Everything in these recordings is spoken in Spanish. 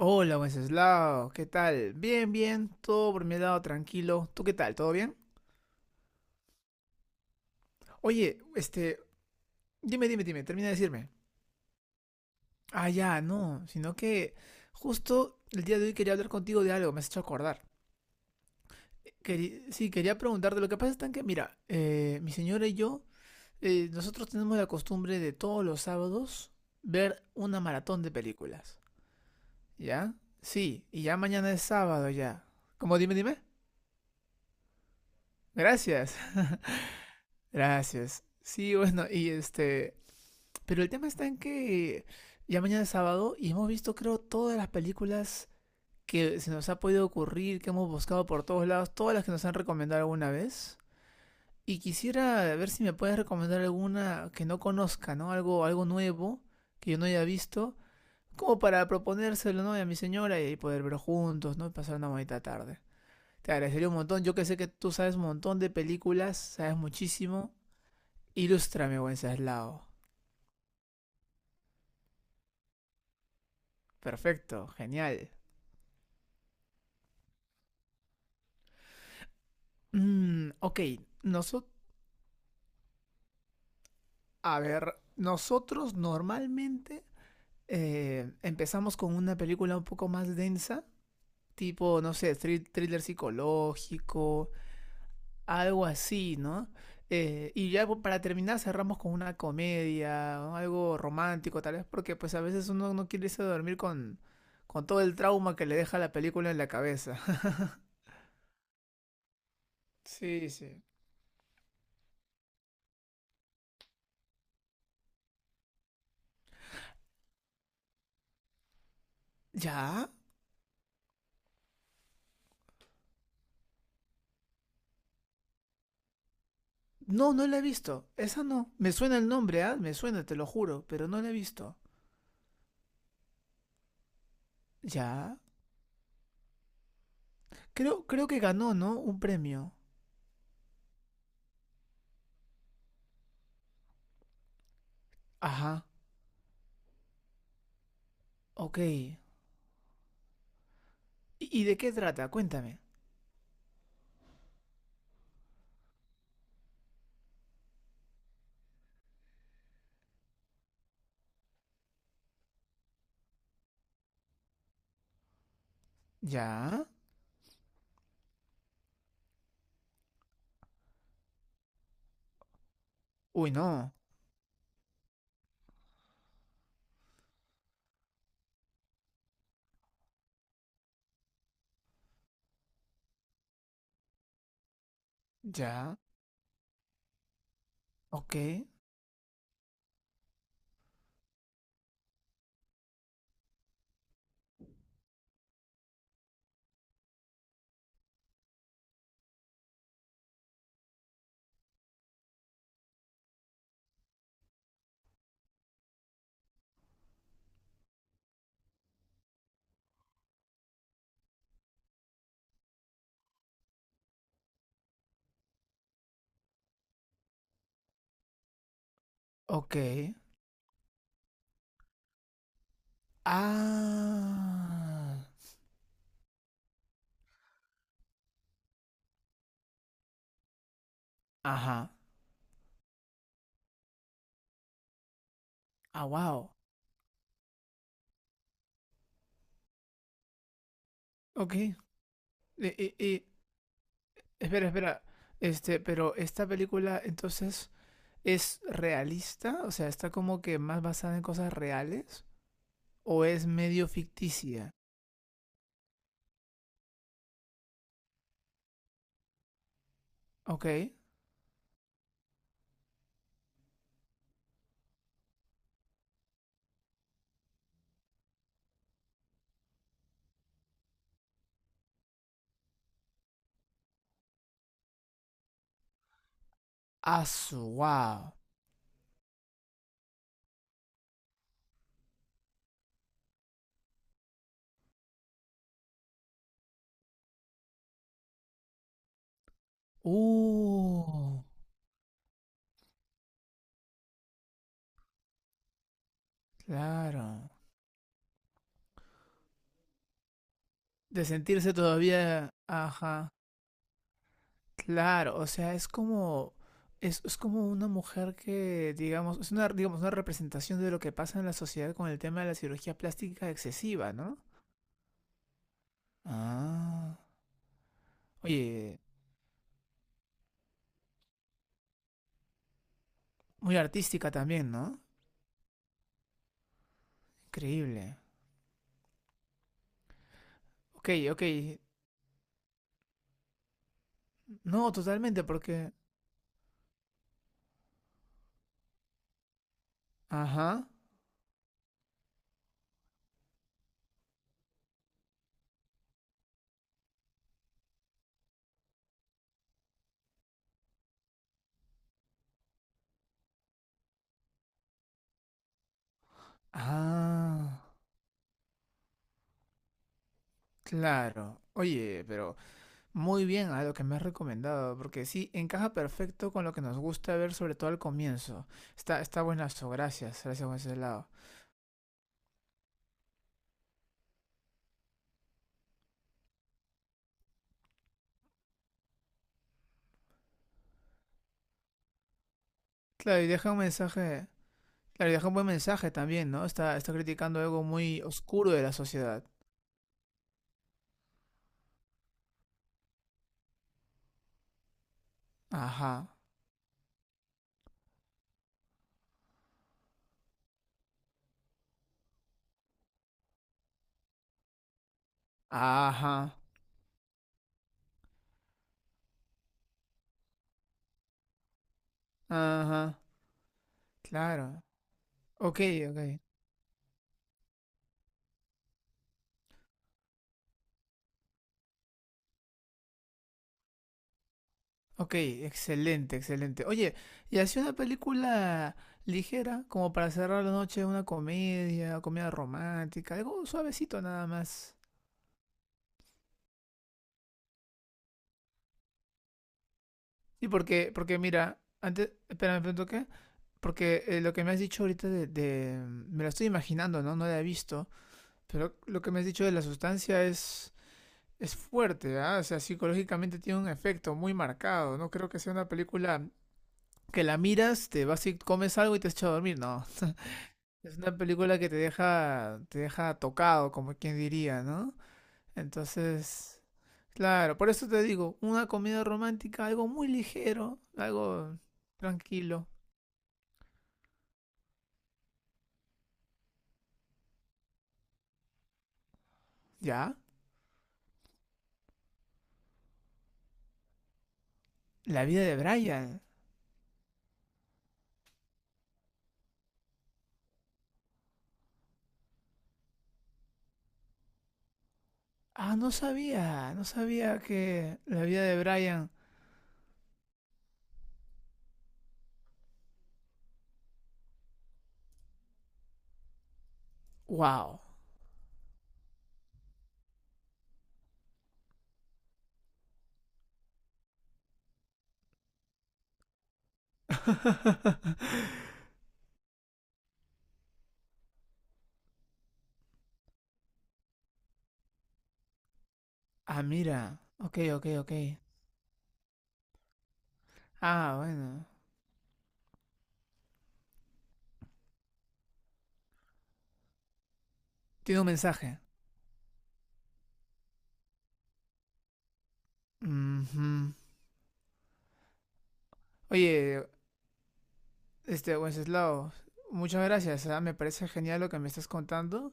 Hola, Wenceslao, ¿qué tal? Bien, bien, todo por mi lado, tranquilo. ¿Tú qué tal? ¿Todo bien? Oye, este, dime, dime, dime, termina de decirme. Ah, ya, no, sino que justo el día de hoy quería hablar contigo de algo, me has hecho acordar. Sí, quería preguntarte, lo que pasa es tan que, mira, mi señora y yo, nosotros tenemos la costumbre de todos los sábados ver una maratón de películas, ¿ya? Sí, y ya mañana es sábado ya. ¿Cómo dime, dime? Gracias. Gracias. Sí, bueno, y este, pero el tema está en que ya mañana es sábado y hemos visto, creo, todas las películas que se nos ha podido ocurrir, que hemos buscado por todos lados, todas las que nos han recomendado alguna vez. Y quisiera ver si me puedes recomendar alguna que no conozca, ¿no? Algo, algo nuevo que yo no haya visto, como para proponérselo, ¿no? Y a mi señora y ahí poder ver juntos, ¿no? Y pasar una bonita tarde. Te agradecería un montón. Yo que sé que tú sabes un montón de películas, sabes muchísimo. Ilústrame, buen Ceslao. Perfecto, genial. Mm, ok, nosotros, a ver, nosotros normalmente empezamos con una película un poco más densa, tipo, no sé, thriller psicológico, algo así, ¿no? Y ya para terminar cerramos con una comedia, ¿no? Algo romántico tal vez, porque pues a veces uno no quiere irse a dormir con todo el trauma que le deja la película en la cabeza. Sí, sí. Ya, no, no la he visto. Esa no. Me suena el nombre, ¿ah? Me suena, te lo juro, pero no la he visto. Ya. Creo, creo que ganó, ¿no? Un premio. Ajá. Ok. Y de qué trata? Cuéntame. ¿Ya? Uy, no. ¿Ya? Ok. Ok. Ah. Ajá. Ah, wow. Ok. Y, y- y- espera, espera. Este, pero esta película entonces es realista, o sea, está como que más basada en cosas reales, o es medio ficticia, ¿ok? Asu, wow. Uh, claro. De sentirse todavía, ajá, claro, o sea, es como una mujer que, digamos, es una, digamos, una representación de lo que pasa en la sociedad con el tema de la cirugía plástica excesiva, ¿no? Ah, oye, muy artística también, ¿no? Increíble. Ok, ok, no, totalmente, porque, ajá, ah. Claro. Oye, pero muy bien a lo que me has recomendado, porque sí, encaja perfecto con lo que nos gusta ver, sobre todo al comienzo. Está, está buenazo, gracias, gracias por ese lado. Claro, y deja un mensaje, claro, y deja un buen mensaje también, ¿no? Está, está criticando algo muy oscuro de la sociedad. Ajá, ajá, ajá, claro. Ok, ok. Ok, excelente, excelente. Oye, y así una película ligera, como para cerrar la noche, una comedia, comedia romántica, algo suavecito nada más. Y porque, porque mira, antes, espérame, ¿me toqué? Porque lo que me has dicho ahorita de, me lo estoy imaginando, ¿no? No la he visto, pero lo que me has dicho de la sustancia es fuerte, ¿ah? O sea, psicológicamente tiene un efecto muy marcado, no creo que sea una película que la miras, te vas y comes algo y te echas a dormir, no. Es una película que te deja tocado, como quien diría, ¿no? Entonces, claro, por eso te digo, una comedia romántica, algo muy ligero, algo tranquilo. ¿Ya? La vida de Brian. Ah, no sabía, no sabía que la vida de Brian. Wow. Ah, mira. Ok, ok, ok. Ah, bueno. Tiene un mensaje. Ujú. Oye, este, Wenceslao, muchas gracias, ah, me parece genial lo que me estás contando.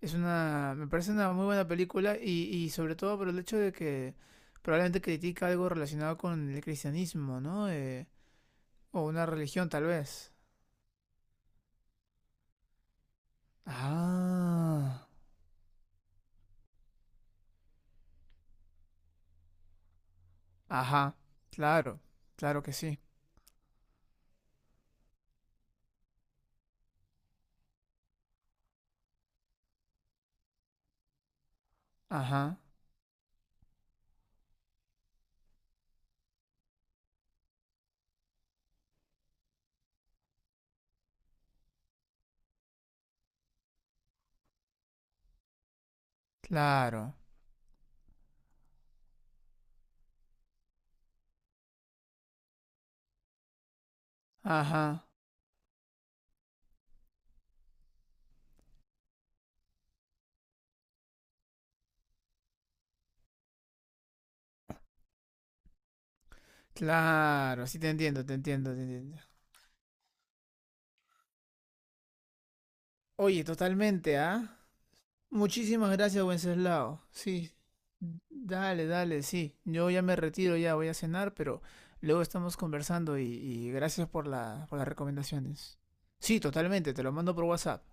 Es una, me parece una muy buena película y sobre todo por el hecho de que probablemente critica algo relacionado con el cristianismo, ¿no? O una religión tal vez. Ah, ajá, claro, claro que sí. Ajá, claro, ajá, claro, sí te entiendo, te entiendo, te entiendo. Oye, totalmente, ¿ah? Muchísimas gracias, Wenceslao. Sí, dale, dale, sí. Yo ya me retiro, ya voy a cenar, pero luego estamos conversando y gracias por la, por las recomendaciones. Sí, totalmente, te lo mando por WhatsApp.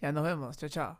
Ya nos vemos, chao, chao.